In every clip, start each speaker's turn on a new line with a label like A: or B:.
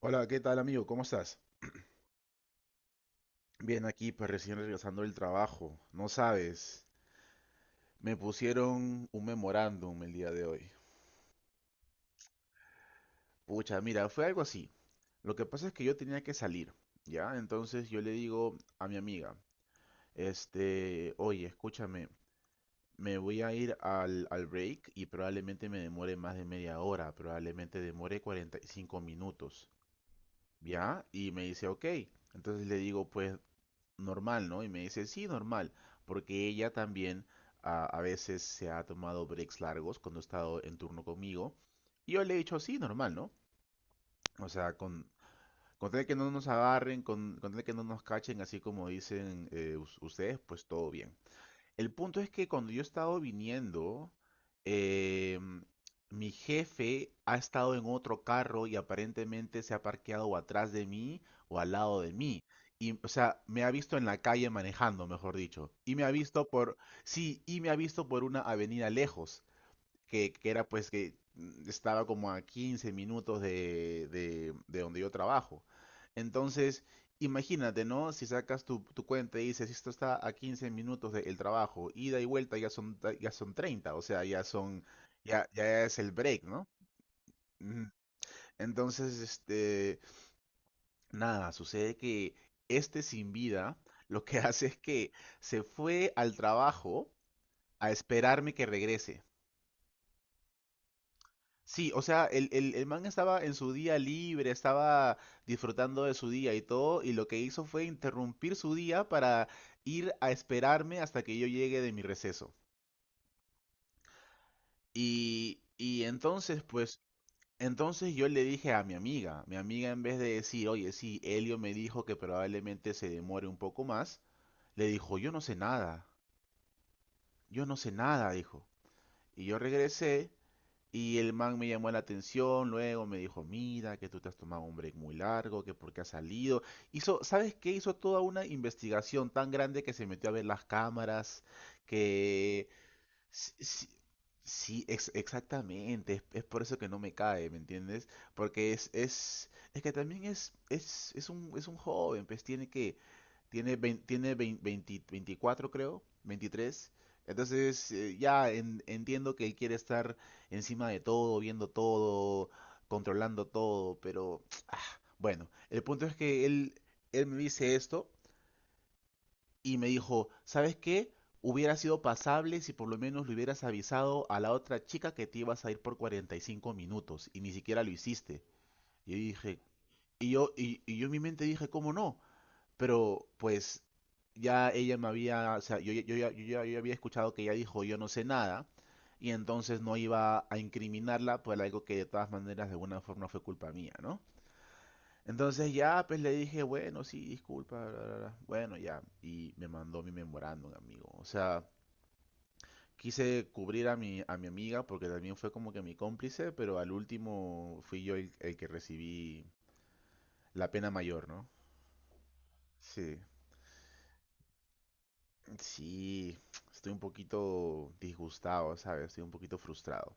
A: Hola, ¿qué tal amigo? ¿Cómo estás? Bien, aquí pues recién regresando del trabajo. No sabes, me pusieron un memorándum el día de hoy. Pucha, mira, fue algo así. Lo que pasa es que yo tenía que salir, ¿ya? Entonces yo le digo a mi amiga, este, oye, escúchame, me voy a ir al break y probablemente me demore más de media hora, probablemente demore 45 minutos, ¿ya? Y me dice, ok. Entonces le digo, pues normal, ¿no? Y me dice, sí, normal, porque ella también a veces se ha tomado breaks largos cuando ha estado en turno conmigo. Y yo le he dicho, sí, normal, ¿no? O sea, con tal de que no nos agarren, con tal de que no nos cachen, así como dicen ustedes, pues todo bien. El punto es que cuando yo he estado viniendo, eh, mi jefe ha estado en otro carro y aparentemente se ha parqueado o atrás de mí o al lado de mí. Y, o sea, me ha visto en la calle manejando, mejor dicho. Y me ha visto por, sí, y me ha visto por una avenida lejos que era pues que estaba como a 15 minutos de donde yo trabajo. Entonces, imagínate, ¿no? Si sacas tu cuenta y dices, esto está a 15 minutos del trabajo, ida y vuelta ya son 30, o sea, ya es el break, ¿no? Mm, Entonces, este, nada, sucede que este sin vida lo que hace es que se fue al trabajo a esperarme que regrese. Sí, o sea, el man estaba en su día libre, estaba disfrutando de su día y todo, y lo que hizo fue interrumpir su día para ir a esperarme hasta que yo llegue de mi receso. Y entonces, pues, entonces yo le dije a mi amiga en vez de decir, oye, sí, Elio me dijo que probablemente se demore un poco más, le dijo, yo no sé nada, yo no sé nada, dijo. Y yo regresé. Y el man me llamó la atención, luego me dijo, mira, que tú te has tomado un break muy largo, que por qué has salido. Hizo, ¿sabes qué? Hizo toda una investigación tan grande que se metió a ver las cámaras, que... Sí, sí, sí, exactamente, es por eso que no me cae, ¿me entiendes? Porque es que también es un joven, pues tiene que tiene vein- 20 24, creo, 23. Entonces, ya entiendo que él quiere estar encima de todo, viendo todo, controlando todo, pero bueno, el punto es que él me dice esto y me dijo, ¿sabes qué? Hubiera sido pasable si por lo menos le hubieras avisado a la otra chica que te ibas a ir por 45 minutos y ni siquiera lo hiciste. Y yo dije, y yo en mi mente dije, ¿cómo no? Pero pues ya ella me había, o sea, yo ya había escuchado que ella dijo yo no sé nada y entonces no iba a incriminarla por algo que de todas maneras de alguna forma fue culpa mía, ¿no? Entonces ya pues le dije, bueno, sí, disculpa, bla, bla, bla. Bueno, ya, y me mandó mi memorándum, amigo. O sea, quise cubrir a mi amiga porque también fue como que mi cómplice, pero al último fui yo el que recibí la pena mayor, ¿no? Sí. Sí, estoy un poquito disgustado, ¿sabes? Estoy un poquito frustrado.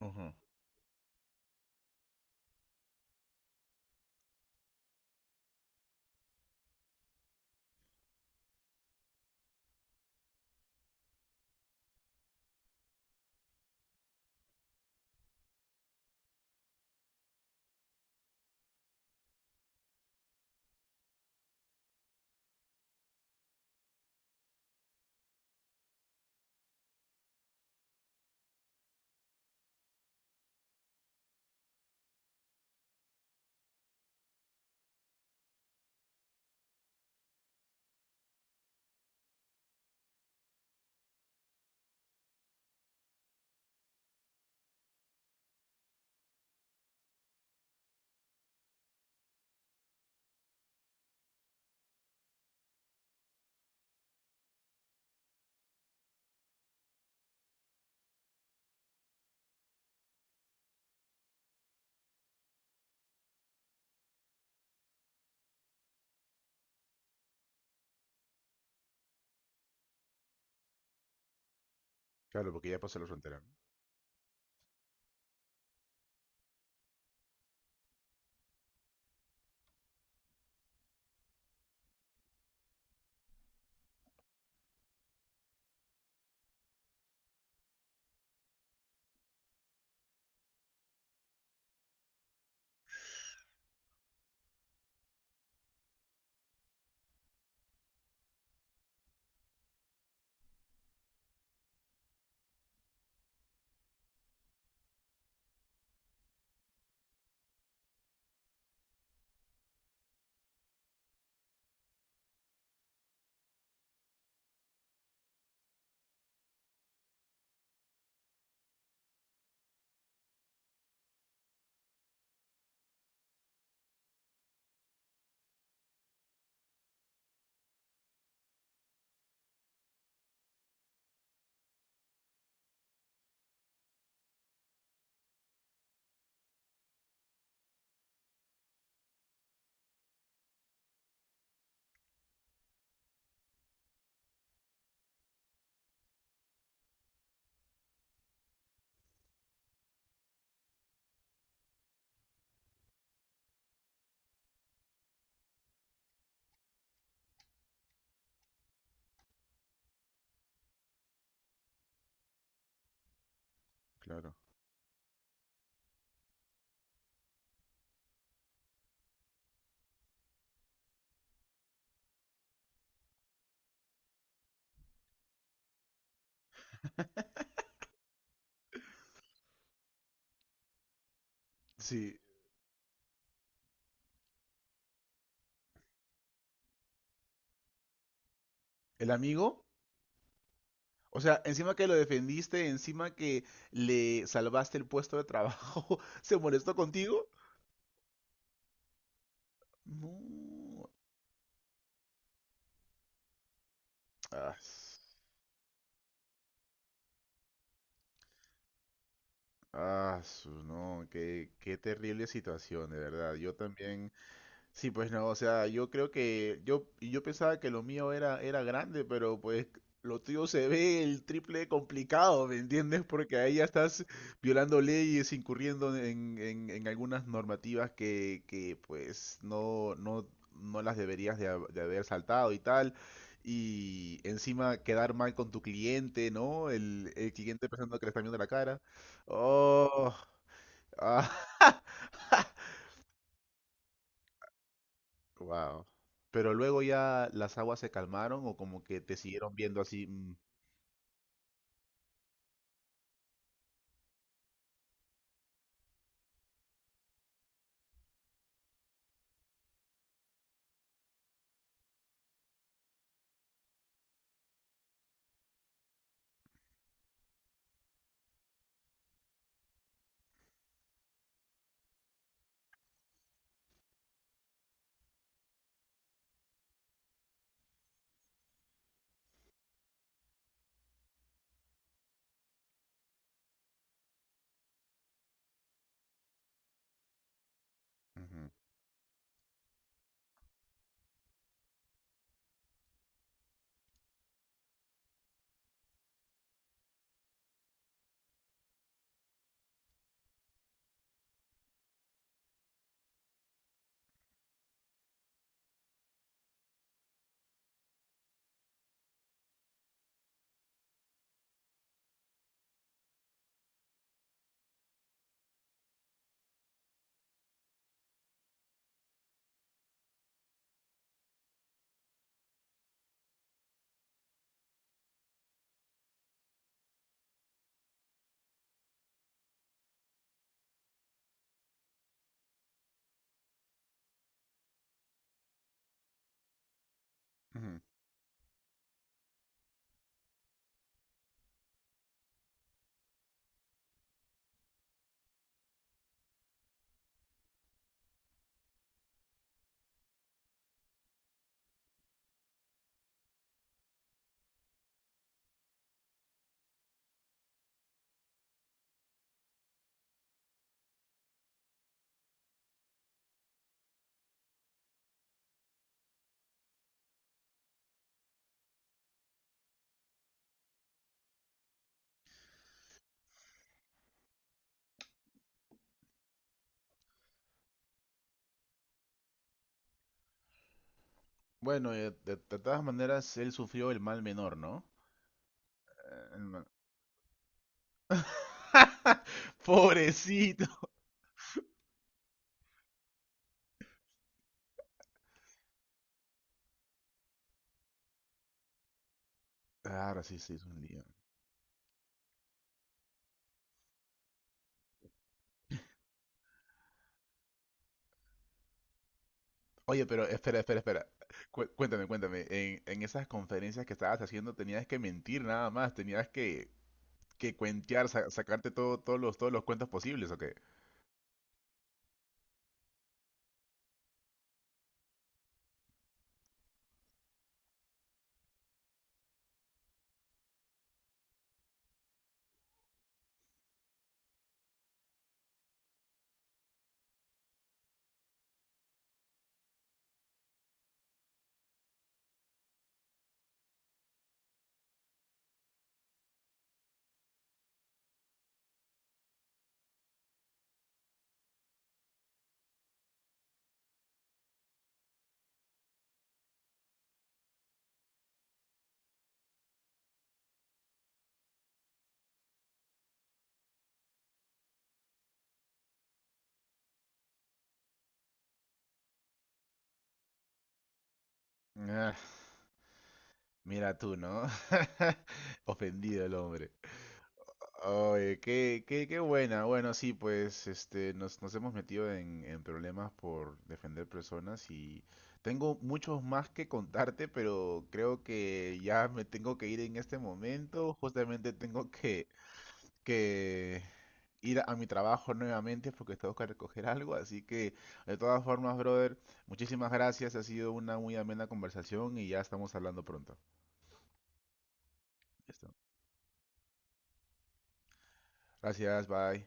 A: Ujú. Claro, porque ya pasó la frontera, ¿no? Claro. Sí, el amigo, o sea, encima que lo defendiste, encima que le salvaste el puesto de trabajo, ¿se molestó contigo? No. Ah, s- no, qué terrible situación, de verdad. Yo también. Sí, pues no, o sea, yo creo que yo y yo pensaba que lo mío era grande, pero pues lo tuyo se ve el triple de complicado, ¿me entiendes? Porque ahí ya estás violando leyes, incurriendo en algunas normativas pues no, no, no las deberías de haber saltado y tal. Y encima quedar mal con tu cliente, ¿no? El cliente pensando que le está viendo la cara. Oh, ah. Wow. Pero luego ya las aguas se calmaron o como que te siguieron viendo así. Mm, ujú, ujú. Bueno, de todas maneras, él sufrió el mal menor, ¿no? Eh, el mal- Pobrecito. Claro, sí, sí, es un lío. Oye, pero espera, espera, espera. Cuéntame, cuéntame. En esas conferencias que estabas haciendo tenías que mentir nada más, tenías que cuentear, sacarte todo, todos los cuentos posibles, ¿o qué? Ah, mira tú, ¿no? Ofendido el hombre. Oye, qué buena. Bueno, sí, pues este, nos hemos metido en problemas por defender personas y tengo muchos más que contarte, pero creo que ya me tengo que ir en este momento. Justamente tengo que ir a mi trabajo nuevamente porque tengo que recoger algo. Así que, de todas formas, brother, muchísimas gracias. Ha sido una muy amena conversación y ya estamos hablando pronto. Listo. Gracias, bye.